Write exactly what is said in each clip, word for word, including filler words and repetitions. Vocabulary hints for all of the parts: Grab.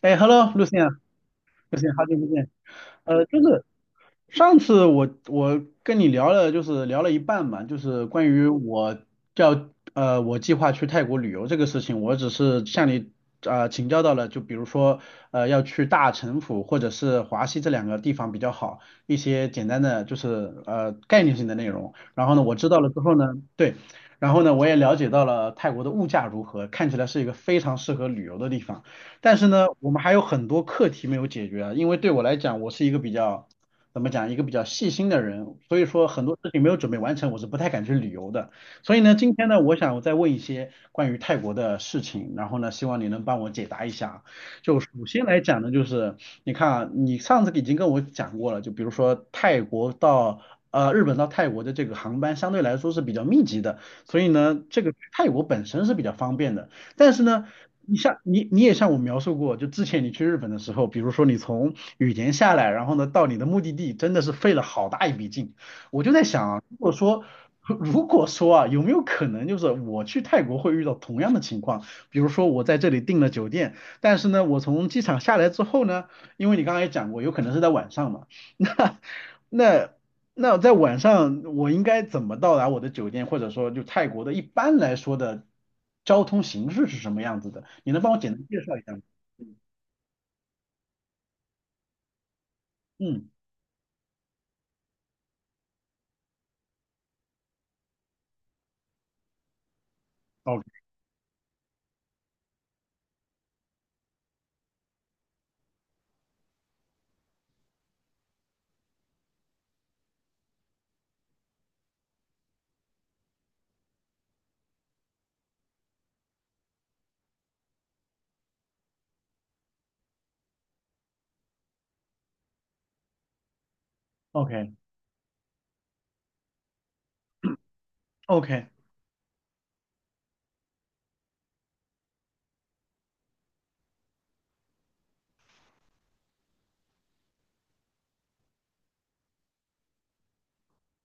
哎，Hello，露茜啊，露茜，好久不见。呃，就是上次我我跟你聊了，就是聊了一半嘛，就是关于我要呃我计划去泰国旅游这个事情，我只是向你呃请教到了，就比如说呃要去大城府或者是华西这两个地方比较好，一些简单的就是呃概念性的内容。然后呢，我知道了之后呢，对，然后呢我也了解到了泰国的物价如何，看起来是一个非常适合旅游的地方。但是呢，我们还有很多课题没有解决啊，因为对我来讲，我是一个比较，怎么讲，一个比较细心的人，所以说很多事情没有准备完成，我是不太敢去旅游的。所以呢，今天呢，我想再问一些关于泰国的事情，然后呢，希望你能帮我解答一下。就首先来讲呢，就是你看啊，你上次已经跟我讲过了，就比如说泰国到。呃，日本到泰国的这个航班相对来说是比较密集的，所以呢，这个去泰国本身是比较方便的。但是呢，你像你你也向我描述过，就之前你去日本的时候，比如说你从羽田下来，然后呢到你的目的地，真的是费了好大一笔劲。我就在想啊，如果说 如果说啊，有没有可能就是我去泰国会遇到同样的情况？比如说我在这里订了酒店，但是呢我从机场下来之后呢，因为你刚才也讲过，有可能是在晚上嘛，那那那在晚上我应该怎么到达我的酒店，或者说就泰国的一般来说的交通形式是什么样子的？你能帮我简单介绍一下吗？嗯，OK OK OK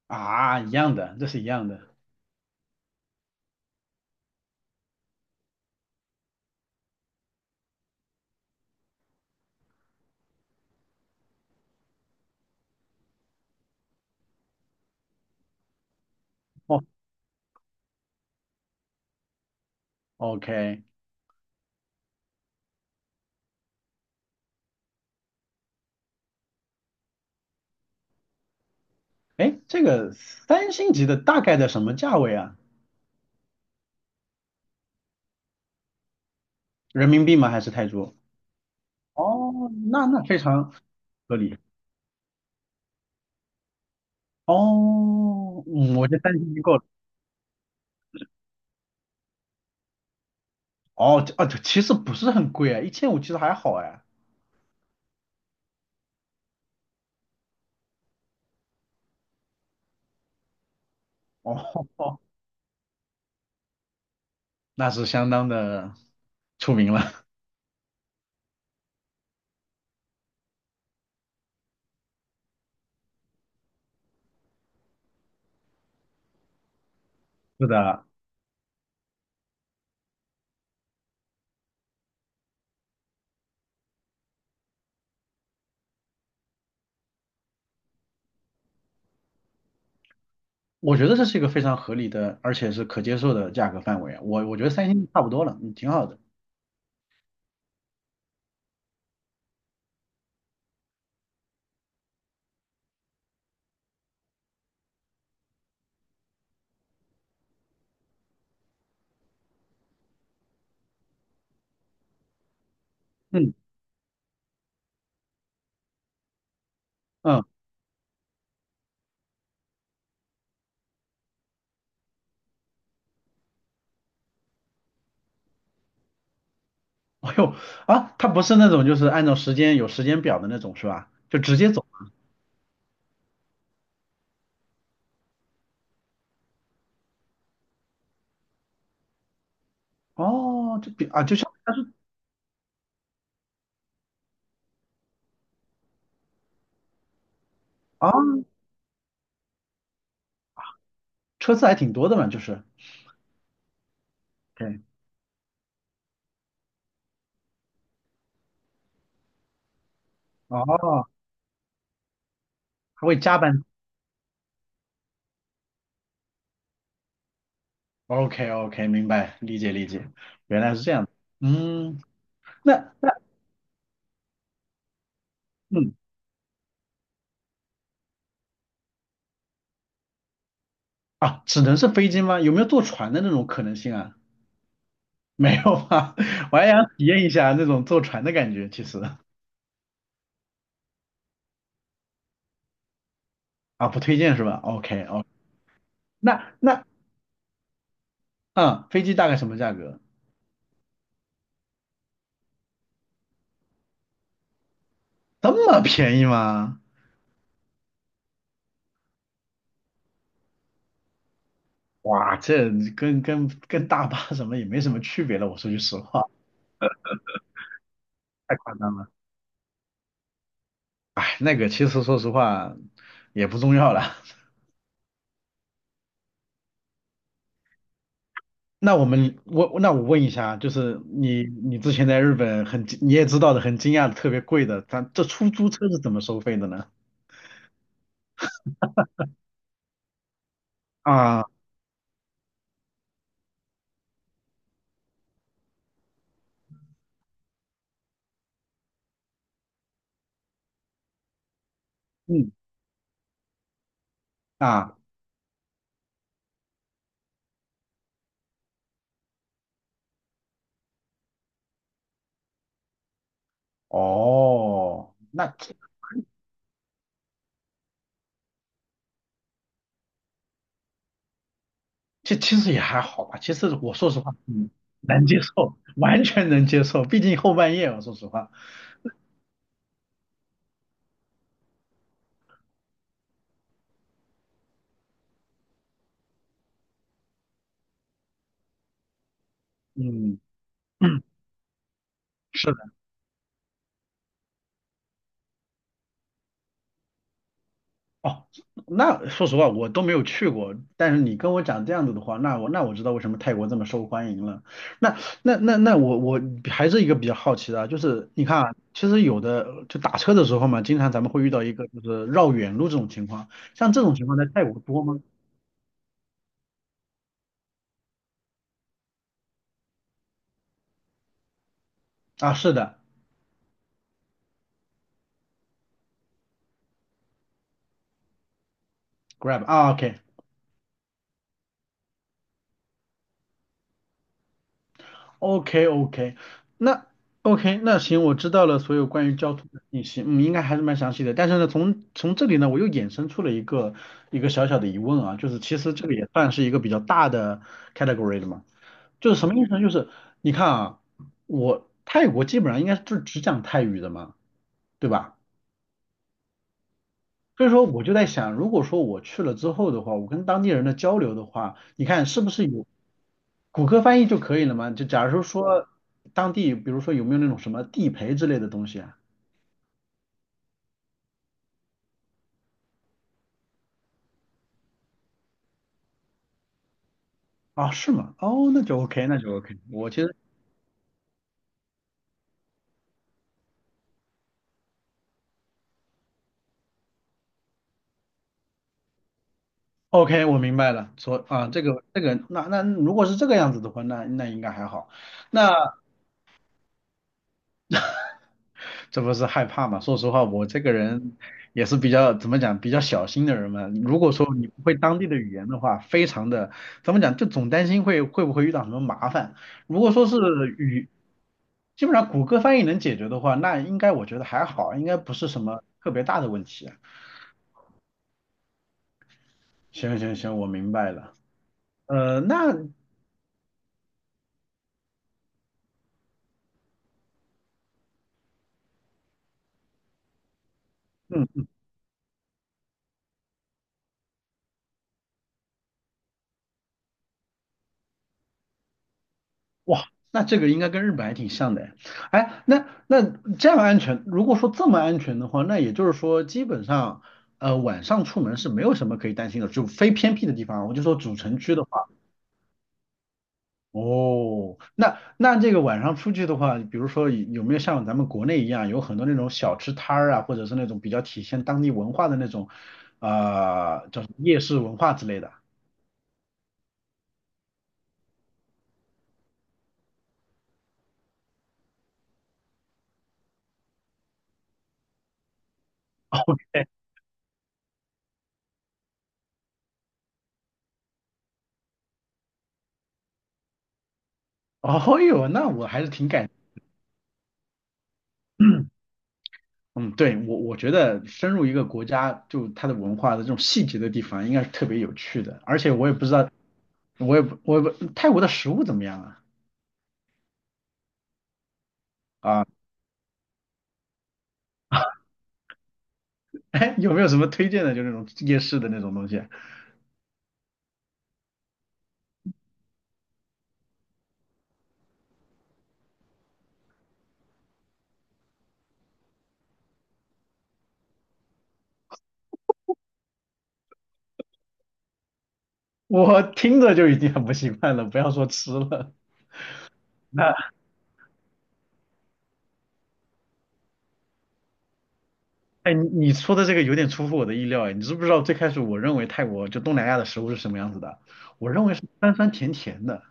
啊，一样的，这是一样的。哦，OK，哎，这个三星级的大概在什么价位啊？人民币吗？还是泰铢？哦，那那非常合理。哦，嗯我觉得三星已经够了。哦，这啊，这其实不是很贵啊，一千五其实还好哎。哦，那是相当的出名了。是的，我觉得这是一个非常合理的，而且是可接受的价格范围啊我我觉得三星差不多了，嗯，挺好的。嗯嗯，哎呦啊，它不是那种就是按照时间有时间表的那种是吧？就直接走。哦，就比啊就像啊，车次还挺多的嘛，就是。对。哦，还会加班。OK OK，明白，理解理解，原来是这样的嗯，那那嗯啊，只能是飞机吗？有没有坐船的那种可能性啊？没有吧？我还想体验一下那种坐船的感觉，其实啊，不推荐是吧？OK OK，那那嗯，飞机大概什么价格？这么便宜吗？哇，这跟跟跟大巴什么也没什么区别了。我说句实话，太夸张了。哎，那个其实说实话也不重要了。那我们我那我问一下，就是你你之前在日本很惊你也知道的很惊讶的特别贵的，咱这出租车是怎么收费的呢？啊，嗯啊。哦，那这这其实也还好吧。其实我说实话，嗯，能接受，完全能接受。毕竟后半夜啊，我说实话，嗯嗯，是的。哦，那说实话，我都没有去过。但是你跟我讲这样子的话，那我那我知道为什么泰国这么受欢迎了。那那那那我我还是一个比较好奇的啊，就是你看啊，其实有的就打车的时候嘛，经常咱们会遇到一个就是绕远路这种情况，像这种情况在泰国多吗？啊，是的，Grab 啊，OK。OK OK，那 OK 那行，我知道了所有关于交通的信息，嗯，应该还是蛮详细的。但是呢，从从这里呢，我又衍生出了一个一个小小的疑问啊，就是其实这个也算是一个比较大的 category 的嘛，就是什么意思呢？就是你看啊，我泰国基本上应该就只讲泰语的嘛，对吧？所以说我就在想，如果说我去了之后的话，我跟当地人的交流的话，你看是不是有谷歌翻译就可以了吗？就假如说说当地，比如说有没有那种什么地陪之类的东西啊？啊，是吗？哦，那就 OK，那就 OK。我其实 OK，我明白了。所啊，这个这个，那那如果是这个样子的话，那那应该还好。那这不是害怕嘛？说实话，我这个人也是比较怎么讲，比较小心的人嘛。如果说你不会当地的语言的话，非常的怎么讲，就总担心会会不会遇到什么麻烦。如果说是语，基本上谷歌翻译能解决的话，那应该我觉得还好，应该不是什么特别大的问题啊行行行，我明白了。呃，那嗯，哇，那这个应该跟日本还挺像的哎。哎那那这样安全，如果说这么安全的话，那也就是说，基本上，呃，晚上出门是没有什么可以担心的，就非偏僻的地方，我就说主城区的话，哦，那那这个晚上出去的话，比如说有有没有像咱们国内一样，有很多那种小吃摊儿啊，或者是那种比较体现当地文化的那种，呃，叫什么夜市文化之类的。哦哟，那我还是挺感。嗯，对，我我觉得深入一个国家，就它的文化的这种细节的地方，应该是特别有趣的。而且我也不知道，我也不我也不泰国的食物怎么样啊？啊，哎，有没有什么推荐的？就那种夜市的那种东西，我听着就已经很不习惯了，不要说吃了。那哎，你你说的这个有点出乎我的意料哎，你知不知道最开始我认为泰国就东南亚的食物是什么样子的？我认为是酸酸甜甜的，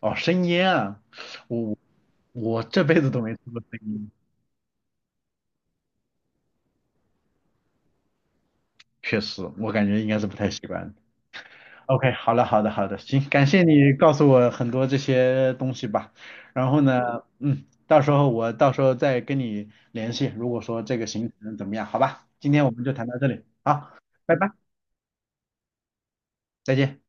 哦，生腌啊，我我这辈子都没吃过生腌。确实，我感觉应该是不太习惯。OK，好了，好的，好的，行，感谢你告诉我很多这些东西吧。然后呢，嗯，到时候我到时候再跟你联系，如果说这个行程怎么样，好吧？今天我们就谈到这里，好，拜拜，再见。